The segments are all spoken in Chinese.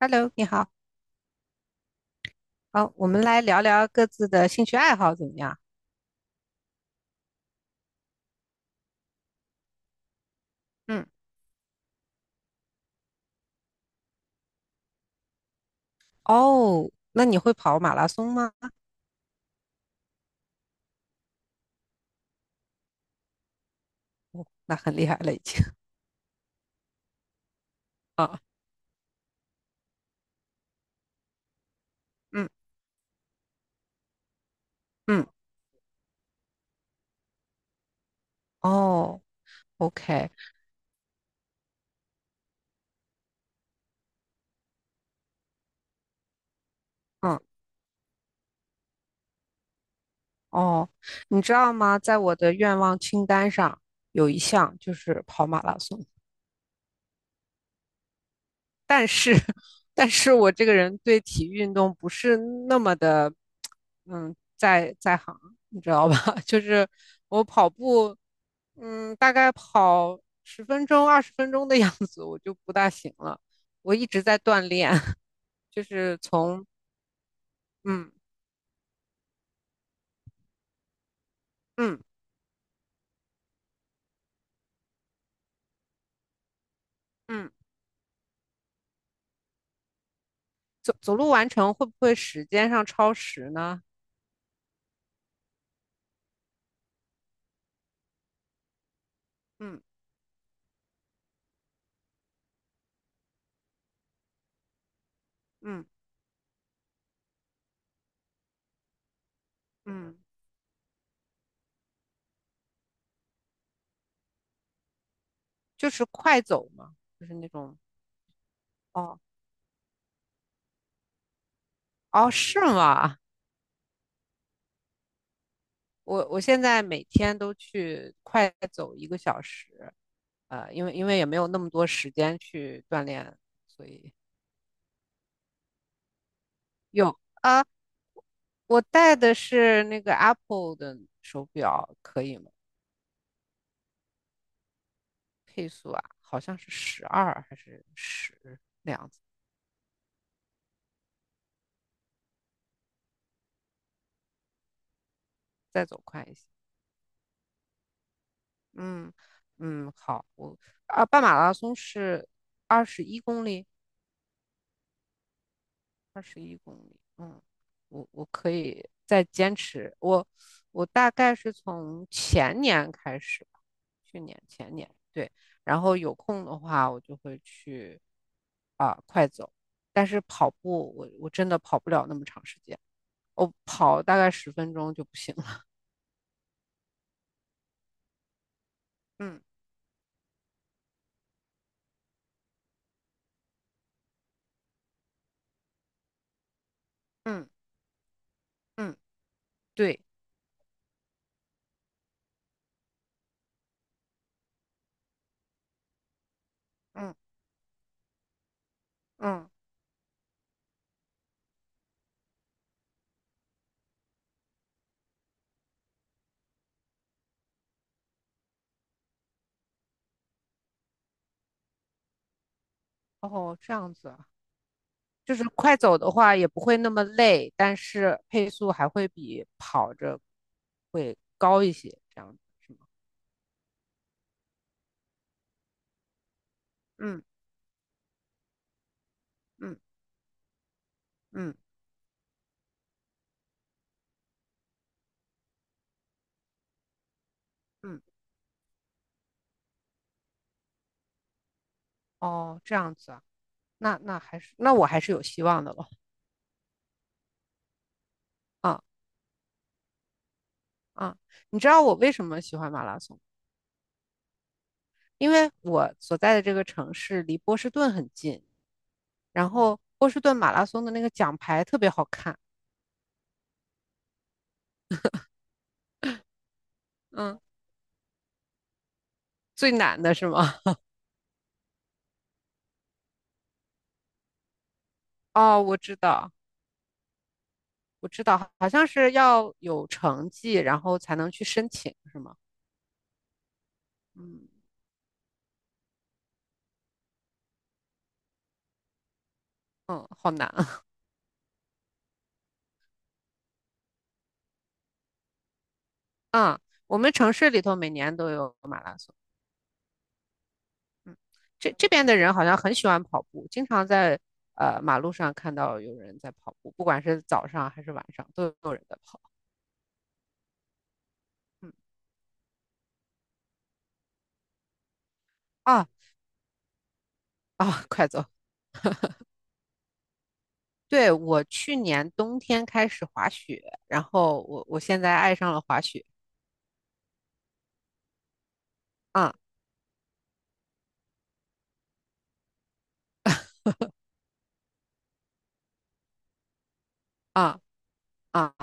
Hello，你好，好，我们来聊聊各自的兴趣爱好怎么样？嗯，哦，那你会跑马拉松吗？那很厉害了已经啊。嗯嗯，哦，OK，嗯哦，你知道吗？在我的愿望清单上有一项就是跑马拉松，但是，但是我这个人对体育运动不是那么的，在行，你知道吧？就是我跑步，大概跑十分钟、20分钟的样子，我就不大行了。我一直在锻炼，就是从嗯嗯嗯走路完成，会不会时间上超时呢？嗯嗯嗯，就是快走嘛，就是那种哦哦是吗？我现在每天都去快走一个小时，因为也没有那么多时间去锻炼。有啊，我戴的是那个 Apple 的手表，可以吗？配速啊，好像是12还是十那样子，再走快一些。嗯嗯，好，半马拉松是二十一公里。二十一公里，嗯，我可以再坚持。我我大概是从前年开始吧，去年前年对，然后有空的话我就会去快走，但是跑步我真的跑不了那么长时间，我跑大概十分钟就不行了。嗯嗯嗯，对，嗯嗯，哦，这样子。就是快走的话也不会那么累，但是配速还会比跑着会高一些，这样子是吗？嗯嗯嗯嗯，哦，这样子啊，那我还是有希望的了啊啊！你知道我为什么喜欢马拉松？因为我所在的这个城市离波士顿很近，然后波士顿马拉松的那个奖牌特别好看，嗯，最难的是吗？哦，我知道。我知道，好像是要有成绩，然后才能去申请，是吗？嗯嗯，好难啊！嗯，我们城市里头每年都有马拉松。嗯，这边的人好像很喜欢跑步，经常在马路上看到有人在跑步，不管是早上还是晚上，都有人在跑。嗯啊啊，快走！对，我去年冬天开始滑雪，然后我现在爱上了滑雪。啊啊啊，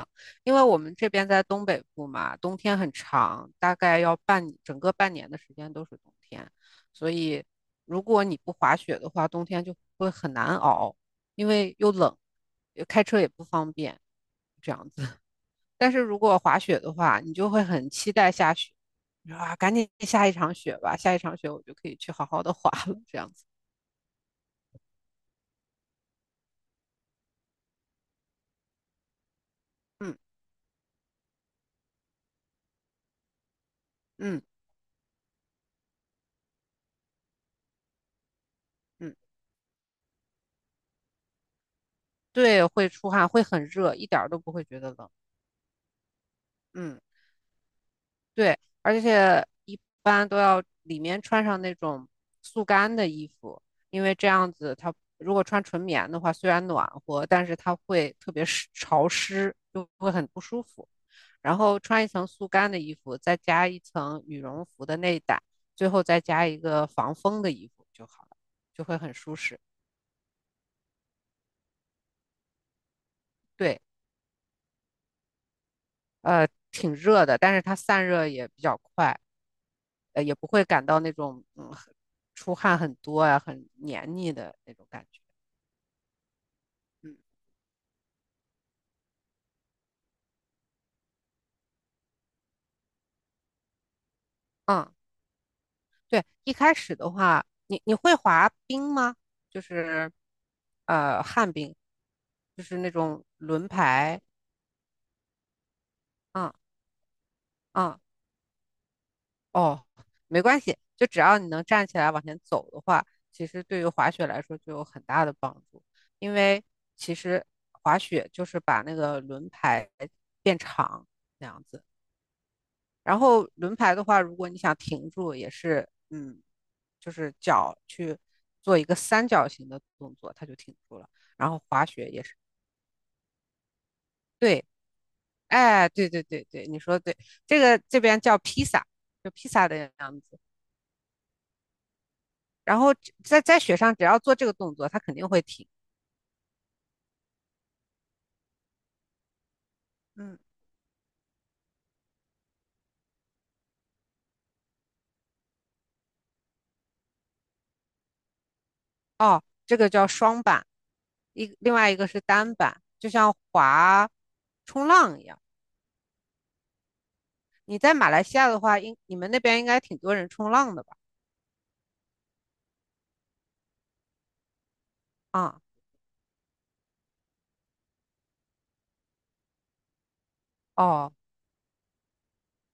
因为我们这边在东北部嘛，冬天很长，大概要整个半年的时间都是冬天，所以如果你不滑雪的话，冬天就会很难熬，因为又冷，开车也不方便，这样子。但是如果滑雪的话，你就会很期待下雪，你说啊，赶紧下一场雪吧，下一场雪我就可以去好好的滑了，这样子。嗯嗯嗯，对，会出汗，会很热，一点儿都不会觉得冷。嗯。对，而且一般都要里面穿上那种速干的衣服，因为这样子它如果穿纯棉的话，虽然暖和，但是它会特别湿潮湿，就会很不舒服。然后穿一层速干的衣服，再加一层羽绒服的内胆，最后再加一个防风的衣服就好了，就会很舒适。对，挺热的，但是它散热也比较快。也不会感到那种出汗很多呀、很黏腻的那种感觉。嗯嗯，对，一开始的话，你会滑冰吗？就是旱冰，就是那种轮排。嗯嗯，哦，没关系，就只要你能站起来往前走的话，其实对于滑雪来说就有很大的帮助。因为其实滑雪就是把那个轮排变长，那样子。然后轮排的话，如果你想停住，也是，就是脚去做一个三角形的动作，它就停住了。然后滑雪也是，对，哎，对对对对，你说的对，这个这边叫披萨，就披萨的样子。然后在雪上，只要做这个动作，它肯定会停。嗯哦，这个叫双板，另外一个是单板，就像滑冲浪一样。你在马来西亚的话，你们那边应该挺多人冲浪的吧？啊、哦。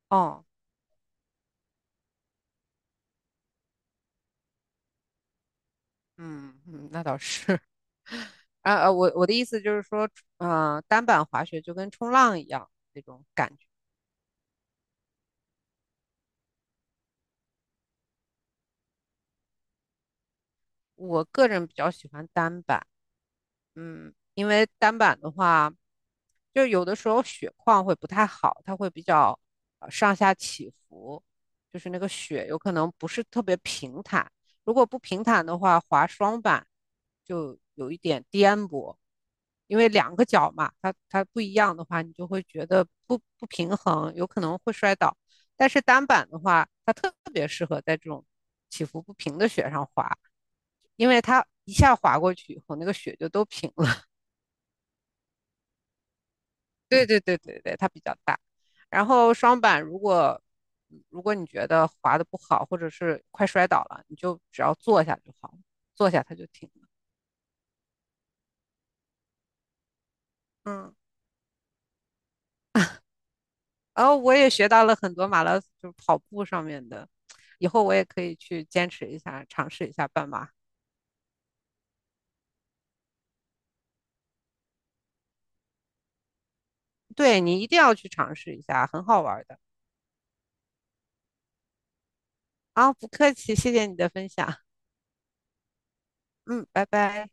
哦，嗯嗯，那倒是。我的意思就是说，单板滑雪就跟冲浪一样那种感觉。我个人比较喜欢单板，因为单板的话，就有的时候雪况会不太好，它会比较上下起伏，就是那个雪有可能不是特别平坦。如果不平坦的话，滑双板就有一点颠簸，因为两个脚嘛，它不一样的话，你就会觉得不平衡，有可能会摔倒。但是单板的话，它特别适合在这种起伏不平的雪上滑，因为它一下滑过去以后，那个雪就都平了。对对对对对，它比较大。然后双板如果你觉得滑的不好，或者是快摔倒了，你就只要坐下就好了，坐下它就停了。嗯，然后我也学到了很多马拉松就是跑步上面的，以后我也可以去坚持一下，尝试一下半马。对你一定要去尝试一下，很好玩的。啊，不客气，谢谢你的分享。嗯，拜拜。